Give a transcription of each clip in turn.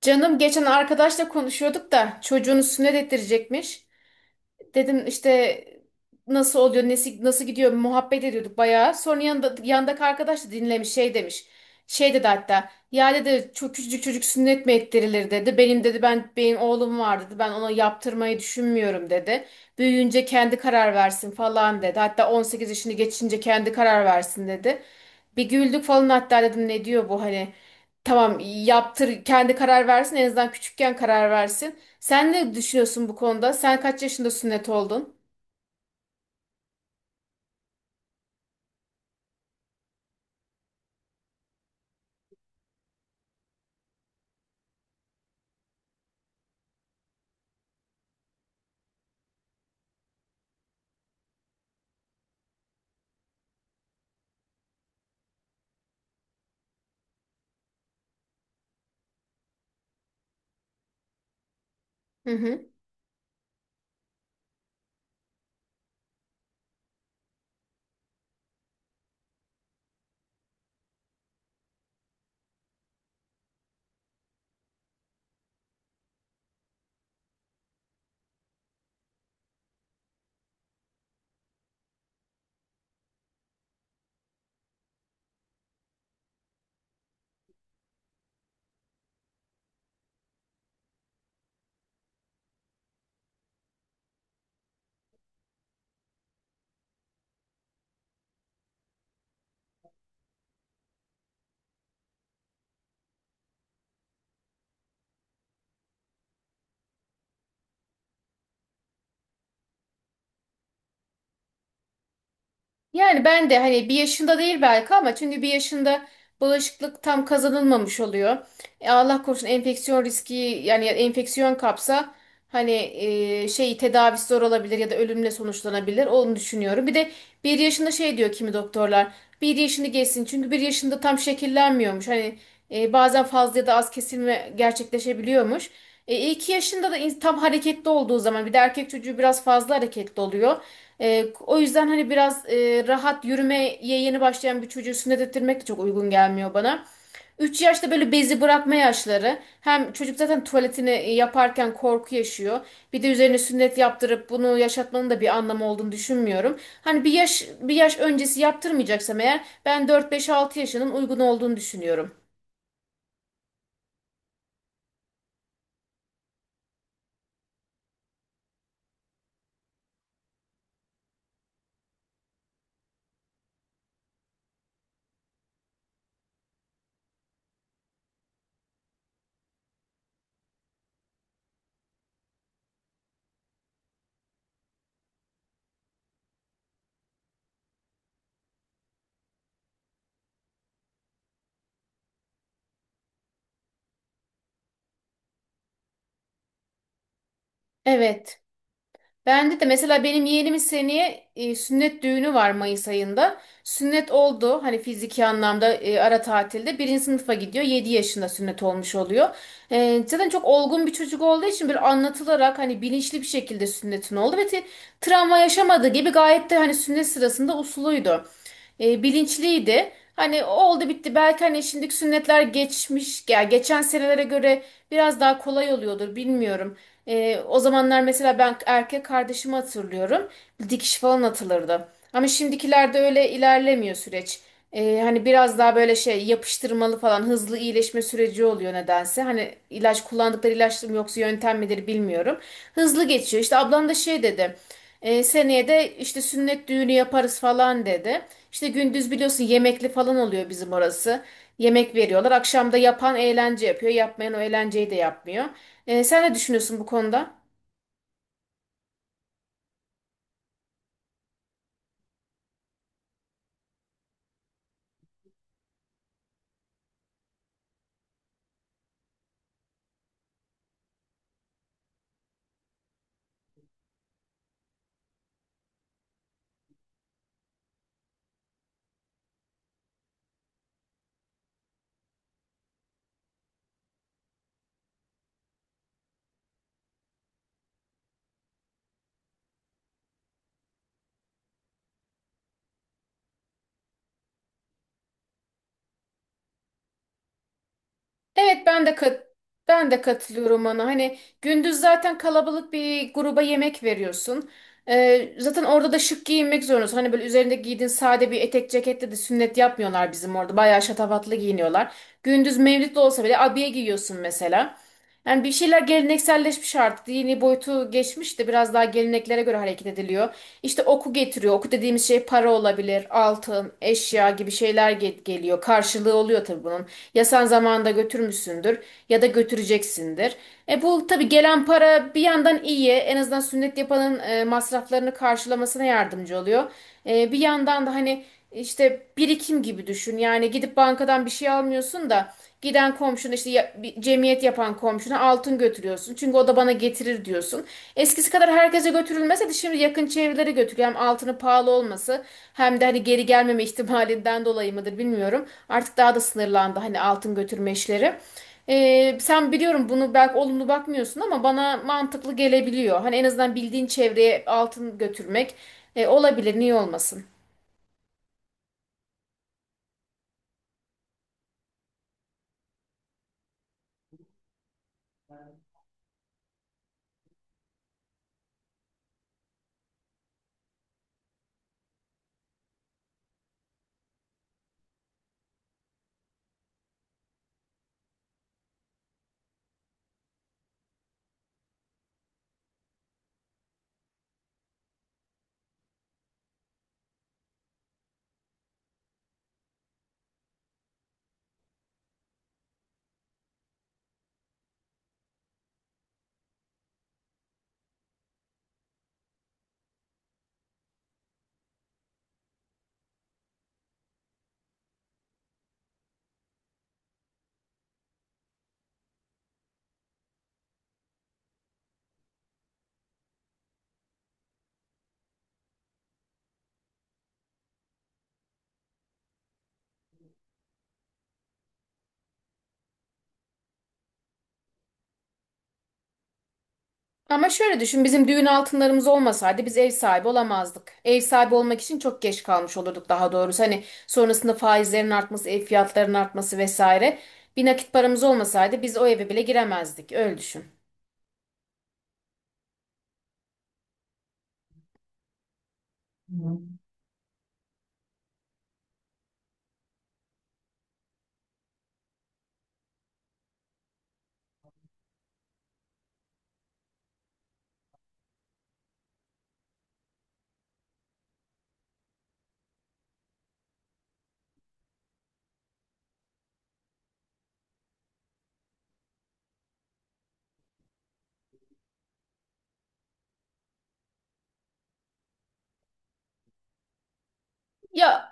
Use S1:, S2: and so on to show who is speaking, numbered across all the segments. S1: Canım geçen arkadaşla konuşuyorduk da çocuğunu sünnet ettirecekmiş. Dedim işte nasıl oluyor, nesi, nasıl gidiyor muhabbet ediyorduk bayağı. Sonra yanında, yandaki arkadaş da dinlemiş şey demiş. Şey dedi hatta ya dedi çok küçücük çocuk sünnet mi ettirilir dedi. Benim dedi benim oğlum var dedi. Ben ona yaptırmayı düşünmüyorum dedi. Büyüyünce kendi karar versin falan dedi. Hatta 18 yaşını geçince kendi karar versin dedi. Bir güldük falan hatta dedim ne diyor bu hani tamam yaptır kendi karar versin en azından küçükken karar versin. Sen ne düşünüyorsun bu konuda? Sen kaç yaşında sünnet oldun? Hı hı. Yani ben de hani bir yaşında değil belki ama çünkü bir yaşında bağışıklık tam kazanılmamış oluyor. Allah korusun enfeksiyon riski yani ya enfeksiyon kapsa hani şey tedavisi zor olabilir ya da ölümle sonuçlanabilir. Onu düşünüyorum. Bir de bir yaşında şey diyor kimi doktorlar. Bir yaşını geçsin çünkü bir yaşında tam şekillenmiyormuş. Hani bazen fazla ya da az kesilme gerçekleşebiliyormuş. 2 yaşında da tam hareketli olduğu zaman bir de erkek çocuğu biraz fazla hareketli oluyor. O yüzden hani biraz rahat yürümeye yeni başlayan bir çocuğu sünnet ettirmek de çok uygun gelmiyor bana. 3 yaşta böyle bezi bırakma yaşları. Hem çocuk zaten tuvaletini yaparken korku yaşıyor. Bir de üzerine sünnet yaptırıp bunu yaşatmanın da bir anlamı olduğunu düşünmüyorum. Hani bir yaş öncesi yaptırmayacaksam eğer ben dört beş altı yaşının uygun olduğunu düşünüyorum. Evet. Bende de mesela benim yeğenimin seneye sünnet düğünü var Mayıs ayında. Sünnet oldu hani fiziki anlamda ara tatilde. Birinci sınıfa gidiyor. 7 yaşında sünnet olmuş oluyor. Zaten çok olgun bir çocuk olduğu için böyle anlatılarak hani bilinçli bir şekilde sünnetin oldu. Ve travma yaşamadığı gibi gayet de hani sünnet sırasında usuluydu. Bilinçliydi. Hani oldu bitti. Belki hani şimdiki sünnetler geçmiş, ya geçen senelere göre biraz daha kolay oluyordur bilmiyorum. O zamanlar mesela ben erkek kardeşimi hatırlıyorum. Dikiş falan atılırdı. Ama şimdikilerde öyle ilerlemiyor süreç. Hani biraz daha böyle şey yapıştırmalı falan hızlı iyileşme süreci oluyor nedense. Hani ilaç kullandıkları ilaç mı yoksa yöntem midir bilmiyorum. Hızlı geçiyor. İşte ablam da şey dedi. Seneye de işte sünnet düğünü yaparız falan dedi. İşte gündüz biliyorsun yemekli falan oluyor bizim orası. Yemek veriyorlar. Akşam da yapan eğlence yapıyor. Yapmayan o eğlenceyi de yapmıyor. Sen ne düşünüyorsun bu konuda? Evet ben de ben de katılıyorum ona. Hani gündüz zaten kalabalık bir gruba yemek veriyorsun. Zaten orada da şık giyinmek zorundasın. Hani böyle üzerinde giydiğin sade bir etek ceketle de sünnet yapmıyorlar bizim orada. Bayağı şatafatlı giyiniyorlar. Gündüz mevlid de olsa bile abiye giyiyorsun mesela. Yani bir şeyler gelenekselleşmiş artık. Dini boyutu geçmiş de biraz daha geleneklere göre hareket ediliyor. İşte oku getiriyor. Oku dediğimiz şey para olabilir, altın, eşya gibi şeyler geliyor. Karşılığı oluyor tabii bunun. Ya sen zamanında götürmüşsündür ya da götüreceksindir. E bu tabii gelen para bir yandan iyi. En azından sünnet yapanın masraflarını karşılamasına yardımcı oluyor. Bir yandan da hani işte birikim gibi düşün. Yani gidip bankadan bir şey almıyorsun da giden komşuna işte bir cemiyet yapan komşuna altın götürüyorsun. Çünkü o da bana getirir diyorsun. Eskisi kadar herkese götürülmese de şimdi yakın çevrelere götürüyor. Hem altının pahalı olması hem de hani geri gelmeme ihtimalinden dolayı mıdır bilmiyorum. Artık daha da sınırlandı hani altın götürme işleri. Sen biliyorum bunu belki olumlu bakmıyorsun ama bana mantıklı gelebiliyor. Hani en azından bildiğin çevreye altın götürmek olabilir, niye olmasın? Ama şöyle düşün, bizim düğün altınlarımız olmasaydı biz ev sahibi olamazdık. Ev sahibi olmak için çok geç kalmış olurduk daha doğrusu. Hani sonrasında faizlerin artması, ev fiyatlarının artması vesaire. Bir nakit paramız olmasaydı biz o eve bile giremezdik. Öyle düşün. Ya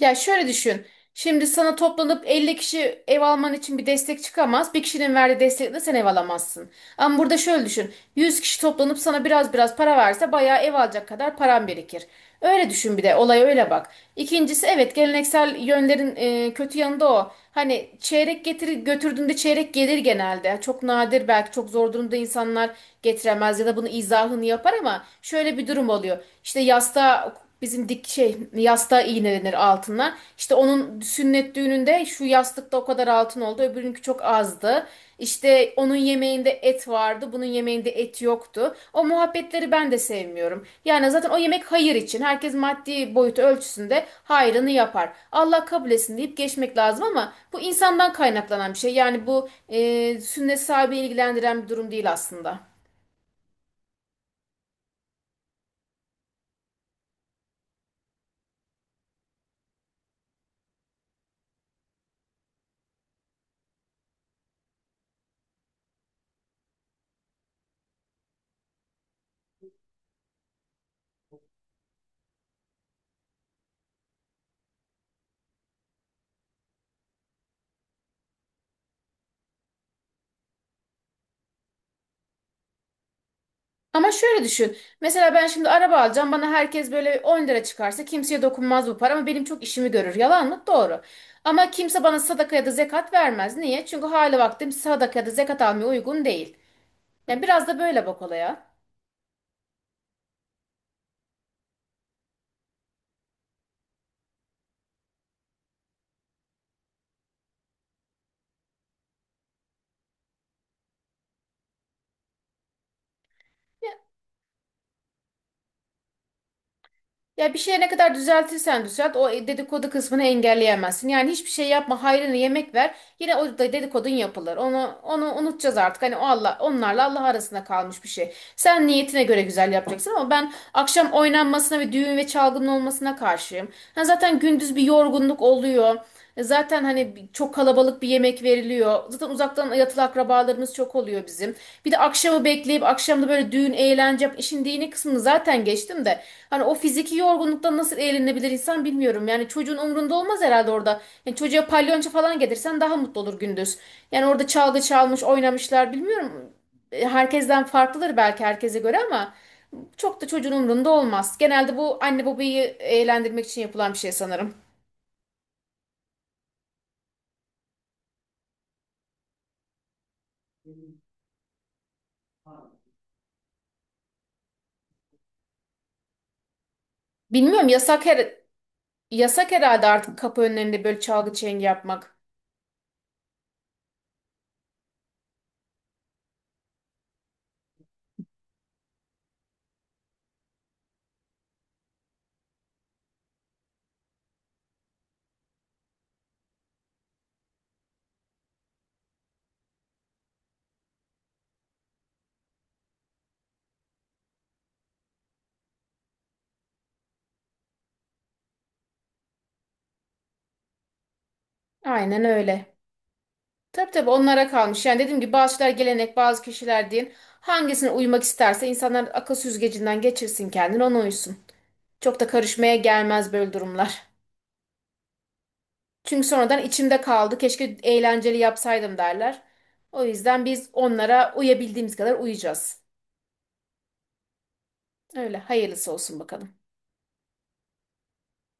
S1: Ya şöyle düşün. Şimdi sana toplanıp 50 kişi ev alman için bir destek çıkamaz. Bir kişinin verdiği destekle sen ev alamazsın. Ama burada şöyle düşün. 100 kişi toplanıp sana biraz biraz para verse bayağı ev alacak kadar paran birikir. Öyle düşün bir de olaya öyle bak. İkincisi evet geleneksel yönlerin kötü yanı da o. Hani çeyrek getir götürdüğünde çeyrek gelir genelde. Çok nadir belki çok zor durumda insanlar getiremez ya da bunu izahını yapar ama şöyle bir durum oluyor. İşte yasta bizim dik şey yastığa iğnelenir altına. İşte onun sünnet düğününde şu yastıkta o kadar altın oldu, öbürünki çok azdı. İşte onun yemeğinde et vardı, bunun yemeğinde et yoktu. O muhabbetleri ben de sevmiyorum. Yani zaten o yemek hayır için. Herkes maddi boyutu ölçüsünde hayrını yapar. Allah kabul etsin deyip geçmek lazım ama bu insandan kaynaklanan bir şey. Yani bu sünnet sahibi ilgilendiren bir durum değil aslında. Ama şöyle düşün. Mesela ben şimdi araba alacağım. Bana herkes böyle 10 lira çıkarsa kimseye dokunmaz bu para ama benim çok işimi görür. Yalan mı? Doğru. Ama kimse bana sadaka ya da zekat vermez. Niye? Çünkü hali vaktim sadaka ya da zekat almaya uygun değil. Yani biraz da böyle bak olaya. Ya bir şeye ne kadar düzeltirsen düzelt o dedikodu kısmını engelleyemezsin. Yani hiçbir şey yapma hayrını yemek ver. Yine o da dedikodun yapılır. Onu unutacağız artık. Hani o Allah onlarla Allah arasında kalmış bir şey. Sen niyetine göre güzel yapacaksın ama ben akşam oynanmasına ve düğün ve çalgının olmasına karşıyım. Ha zaten gündüz bir yorgunluk oluyor. E zaten hani çok kalabalık bir yemek veriliyor. Zaten uzaktan yatılı akrabalarımız çok oluyor bizim. Bir de akşamı bekleyip akşamda böyle düğün, eğlence, işin dini kısmını zaten geçtim de. Hani o fiziki yorgunluktan nasıl eğlenebilir insan bilmiyorum. Yani çocuğun umrunda olmaz herhalde orada. Yani çocuğa palyonço falan getirsen daha mutlu olur gündüz. Yani orada çalgı çalmış, oynamışlar bilmiyorum. Herkesten farklıdır belki herkese göre ama çok da çocuğun umrunda olmaz. Genelde bu anne babayı eğlendirmek için yapılan bir şey sanırım. Bilmiyorum Yasak herhalde artık kapı önlerinde böyle çalgı çengi yapmak. Aynen öyle. Tabii tabii onlara kalmış. Yani dediğim gibi bazı şeyler gelenek, bazı kişiler din. Hangisine uymak isterse insanlar akıl süzgecinden geçirsin kendini ona uysun. Çok da karışmaya gelmez böyle durumlar. Çünkü sonradan içimde kaldı. Keşke eğlenceli yapsaydım derler. O yüzden biz onlara uyabildiğimiz kadar uyacağız. Öyle hayırlısı olsun bakalım.